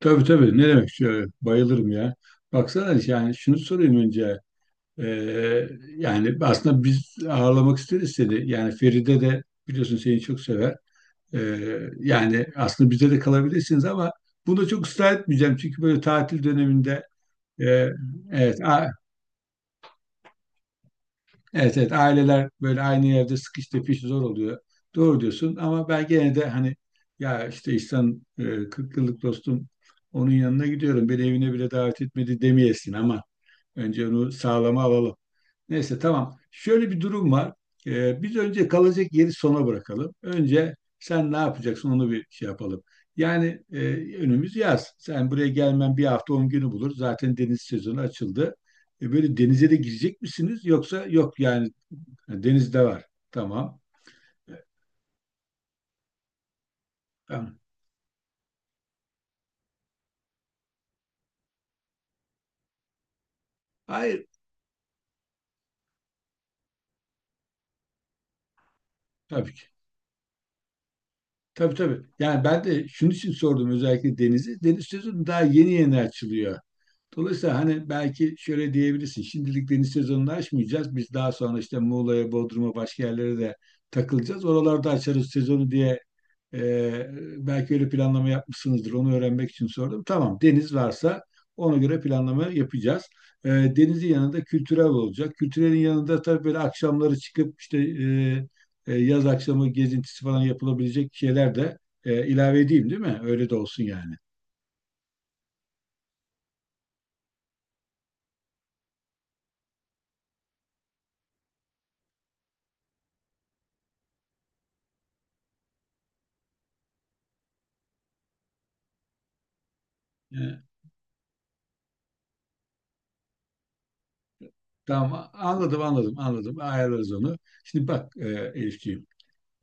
Tabii tabii ne demek şöyle bayılırım ya. Baksana yani şunu sorayım önce. Ee, Yani aslında biz ağırlamak isteriz seni. Yani Feride de biliyorsun seni çok sever. Yani aslında bize de kalabilirsiniz ama bunu da çok ısrar etmeyeceğim. Çünkü böyle tatil döneminde e, evet, evet evet aileler böyle aynı yerde sıkış tepiş zor oluyor. Doğru diyorsun ama ben gene de hani ya işte İhsan, 40 yıllık dostum, onun yanına gidiyorum. Beni evine bile davet etmedi demeyesin ama önce onu sağlama alalım. Neyse tamam. Şöyle bir durum var. Biz önce kalacak yeri sona bırakalım. Önce sen ne yapacaksın onu bir şey yapalım. Yani önümüz yaz. Sen buraya gelmen bir hafta 10 günü bulur. Zaten deniz sezonu açıldı. Böyle denize de girecek misiniz? Yoksa yok yani. Denizde var. Tamam. E, tamam. Hayır, tabii ki. Tabii tabii. Yani ben de şunun için sordum özellikle denizi. Deniz sezonu daha yeni yeni açılıyor. Dolayısıyla hani belki şöyle diyebilirsin. Şimdilik deniz sezonunu açmayacağız. Biz daha sonra işte Muğla'ya, Bodrum'a, başka yerlere de takılacağız. Oralarda açarız sezonu diye, e, belki öyle planlama yapmışsınızdır. Onu öğrenmek için sordum. Tamam, deniz varsa ona göre planlama yapacağız. Denizin yanında kültürel olacak. Kültürelin yanında tabii böyle akşamları çıkıp işte, yaz akşamı gezintisi falan yapılabilecek şeyler de ilave edeyim değil mi? Öyle de olsun yani. E, Tamam, anladım anladım anladım, ayarlarız onu. Şimdi bak, Elifciğim,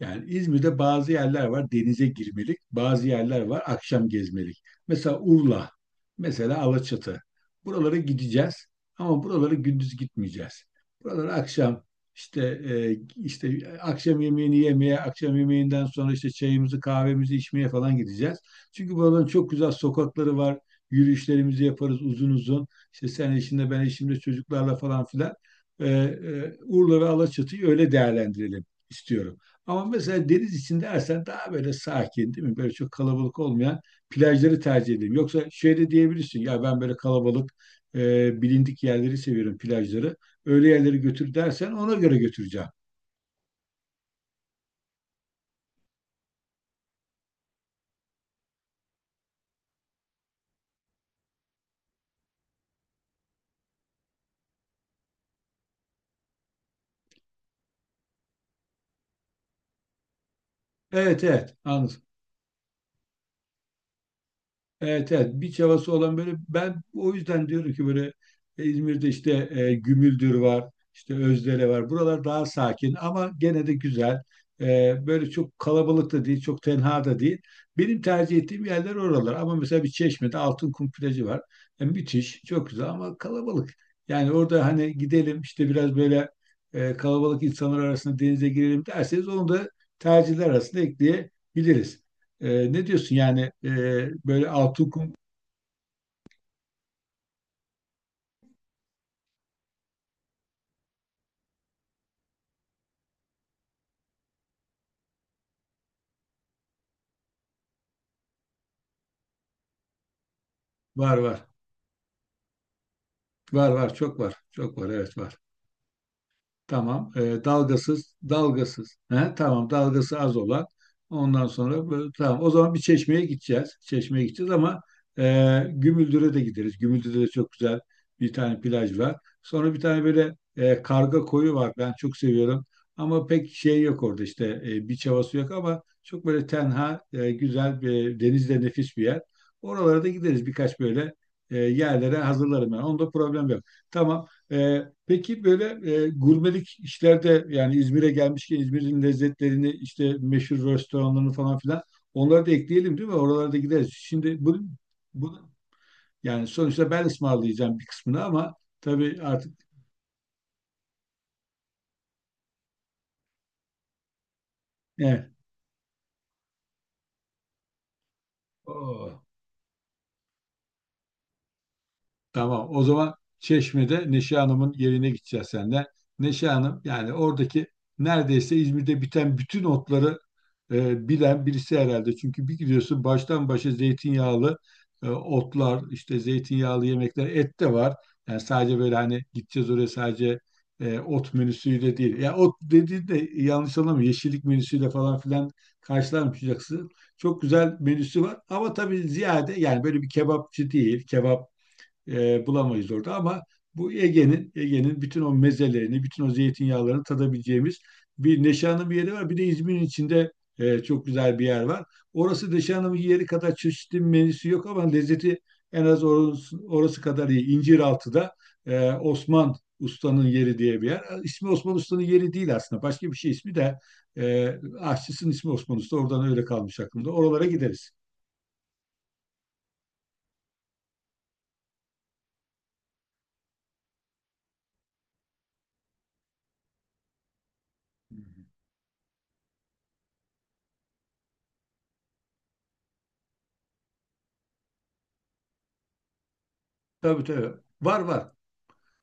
yani İzmir'de bazı yerler var denize girmelik, bazı yerler var akşam gezmelik. Mesela Urla, mesela Alaçatı. Buralara gideceğiz ama buralara gündüz gitmeyeceğiz. Buralara akşam, işte işte akşam yemeğini yemeye, akşam yemeğinden sonra işte çayımızı, kahvemizi içmeye falan gideceğiz. Çünkü buraların çok güzel sokakları var. Yürüyüşlerimizi yaparız uzun uzun. İşte sen işinde ben işimde çocuklarla falan filan. Urla ve Alaçatı'yı öyle değerlendirelim istiyorum. Ama mesela deniz içinde ersen daha böyle sakin değil mi? Böyle çok kalabalık olmayan plajları tercih edeyim. Yoksa şöyle diyebilirsin ya, ben böyle kalabalık, bilindik yerleri seviyorum plajları. Öyle yerleri götür dersen ona göre götüreceğim. Evet evet, anladım. Evet evet, biç havası olan, böyle ben o yüzden diyorum ki böyle İzmir'de işte, Gümüldür var, işte Özdere var, buralar daha sakin ama gene de güzel. Böyle çok kalabalık da değil çok tenha da değil, benim tercih ettiğim yerler oralar, ama mesela bir Çeşme'de Altınkum plajı var. Müthiş, çok güzel ama kalabalık. Yani orada hani gidelim işte biraz böyle, kalabalık insanlar arasında denize girelim derseniz onu da tercihler arasında ekleyebiliriz. Ne diyorsun yani, böyle altı hukum? Var var. Var var, çok var. Çok var, evet, var. Tamam. Dalgasız, dalgasız. He, tamam, dalgası az olan. Ondan sonra böyle, tamam. O zaman bir Çeşme'ye gideceğiz. Çeşme'ye gideceğiz ama e, Gümüldür'e de gideriz. Gümüldür'de de çok güzel bir tane plaj var. Sonra bir tane böyle, Karga Koyu var. Ben çok seviyorum. Ama pek şey yok orada işte, bir havası yok ama çok böyle tenha, güzel bir denizde nefis bir yer. Oralara da gideriz birkaç böyle, yerlere hazırlarım ben. Onda problem yok. Tamam. Peki böyle, gurmelik işlerde, yani İzmir'e gelmişken İzmir'in lezzetlerini işte meşhur restoranlarını falan filan, onları da ekleyelim değil mi? Oralarda gideriz. Şimdi bu yani sonuçta ben ısmarlayacağım bir kısmını ama tabii artık evet. Oo. Tamam. O zaman Çeşme'de Neşe Hanım'ın yerine gideceğiz senden. Neşe Hanım yani oradaki, neredeyse İzmir'de biten bütün otları bilen birisi herhalde. Çünkü bir gidiyorsun, baştan başa zeytinyağlı otlar, işte zeytinyağlı yemekler, et de var. Yani sadece böyle hani gideceğiz oraya sadece ot menüsüyle değil. Ya, ot dediğin de yanlış anlama, yeşillik menüsüyle falan filan karşılanmayacaksın. Çok güzel menüsü var ama tabii ziyade yani böyle bir kebapçı değil. Kebap bulamayız orada ama bu Ege'nin bütün o mezelerini, bütün o zeytinyağlarını tadabileceğimiz bir Neşe, bir yeri var. Bir de İzmir'in içinde çok güzel bir yer var. Orası Neşe Hanım'ın yeri kadar çeşitli menüsü yok ama lezzeti en az orası kadar iyi. İnciraltı'da Osman Usta'nın yeri diye bir yer. İsmi Osman Usta'nın yeri değil aslında. Başka bir şey ismi de, e, aşçısının ismi Osman Usta. Oradan öyle kalmış aklımda. Oralara gideriz. Tabii tabii. Var var.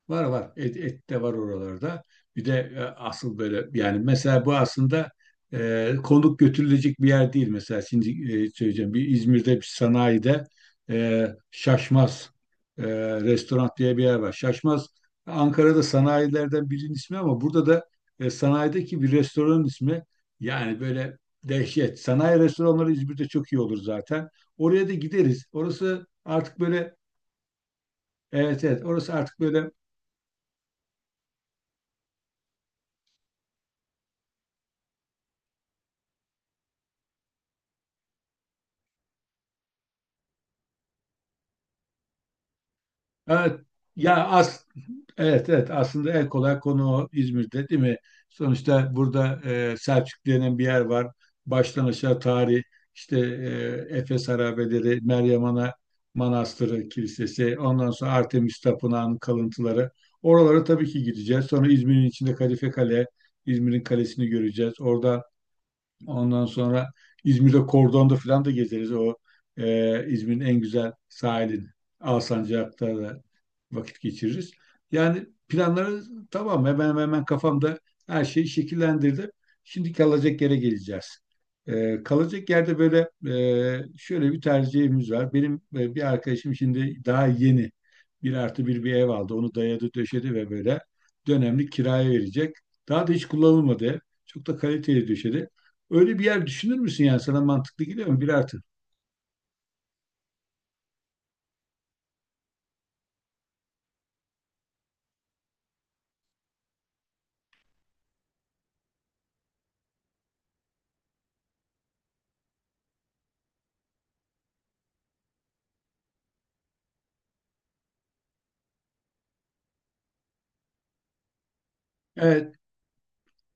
Var var. Et, et de var oralarda. Bir de asıl böyle, yani mesela bu aslında konuk götürülecek bir yer değil. Mesela şimdi söyleyeceğim, bir İzmir'de bir sanayide Şaşmaz e, Restoran diye bir yer var. Şaşmaz Ankara'da sanayilerden birinin ismi ama burada da sanayideki bir restoranın ismi, yani böyle dehşet. Sanayi restoranları İzmir'de çok iyi olur zaten. Oraya da gideriz. Orası artık böyle, evet evet, orası artık böyle. Evet, ya as evet evet, aslında en kolay konu o İzmir'de değil mi? Sonuçta burada, Selçuk denen bir yer var. Baştan aşağı tarih, işte Efes Harabeleri, Meryem Ana Manastırı Kilisesi, ondan sonra Artemis Tapınağı'nın kalıntıları. Oralara tabii ki gideceğiz. Sonra İzmir'in içinde Kadife Kale, İzmir'in kalesini göreceğiz. Orada, ondan sonra İzmir'de Kordon'da falan da gezeriz. O İzmir'in en güzel sahilini. Alsancak'ta da vakit geçiririz. Yani planları tamam, hemen hemen kafamda her şey şekillendirdi. Şimdi kalacak yere geleceğiz. Kalacak yerde böyle şöyle bir tercihimiz var. Benim bir arkadaşım şimdi daha yeni bir artı bir ev aldı. Onu dayadı döşedi ve böyle dönemlik kiraya verecek. Daha da hiç kullanılmadı ev. Çok da kaliteli döşedi. Öyle bir yer düşünür müsün, yani sana mantıklı geliyor mu? Bir artı. Evet.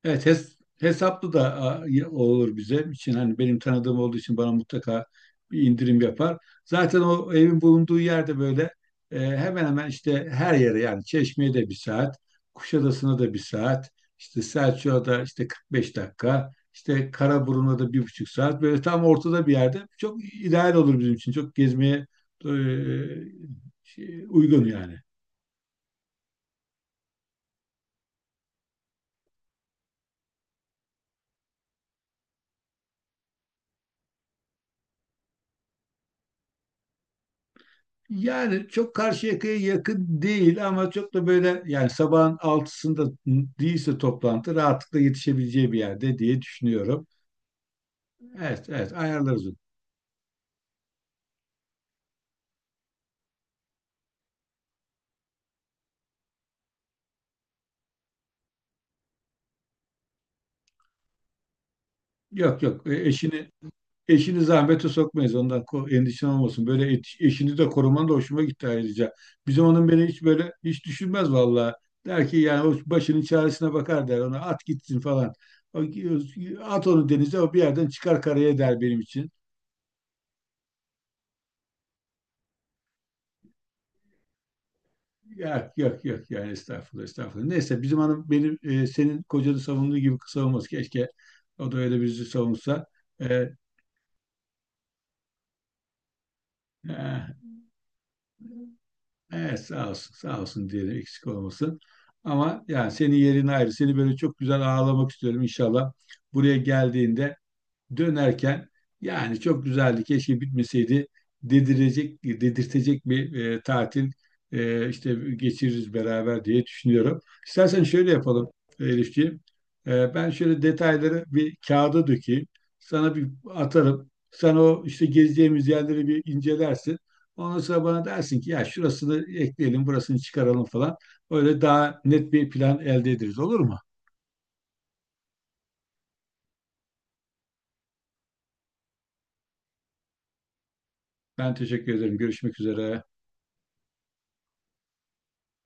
Evet, hesaplı da olur bize için, hani benim tanıdığım olduğu için bana mutlaka bir indirim yapar. Zaten o evin bulunduğu yerde böyle hemen hemen işte her yere, yani Çeşme'ye de 1 saat, Kuşadası'na da 1 saat, işte Selçuk'a da işte 45 dakika, işte Karaburun'a da 1,5 saat, böyle tam ortada bir yerde çok ideal olur bizim için çok gezmeye e, uygun yani. Yani çok Karşıyaka'ya yakın değil ama çok da böyle yani sabahın altısında değilse toplantı rahatlıkla yetişebileceği bir yerde diye düşünüyorum. Evet evet, ayarlarız onu. Yok yok, eşini zahmete sokmayız, ondan endişen olmasın. Böyle eşini de koruman da hoşuma gitti ayrıca. Bizim onun, beni hiç böyle hiç düşünmez vallahi. Der ki, yani o başının çaresine bakar der, ona at gitsin falan. O- At onu denize, o bir yerden çıkar karaya der benim için. Yok yok yok, yani estağfurullah estağfurullah. Neyse bizim hanım benim, senin kocanı savunduğu gibi savunmaz. Keşke o da öyle bizi savunsa. E, e, evet, sağ olsun sağ olsun diyelim, eksik olmasın. Ama yani senin yerin ayrı. Seni böyle çok güzel ağlamak istiyorum inşallah. Buraya geldiğinde, dönerken yani çok güzeldi, keşke bitmeseydi dedirecek dedirtecek bir tatil işte geçiririz beraber diye düşünüyorum. İstersen şöyle yapalım Elifciğim. Ben şöyle detayları bir kağıda dökeyim. Sana bir atarım. Sen o işte gezeceğimiz yerleri bir incelersin. Ondan sonra bana dersin ki, ya şurasını ekleyelim, burasını çıkaralım falan. Öyle daha net bir plan elde ederiz. Olur mu? Ben teşekkür ederim. Görüşmek üzere.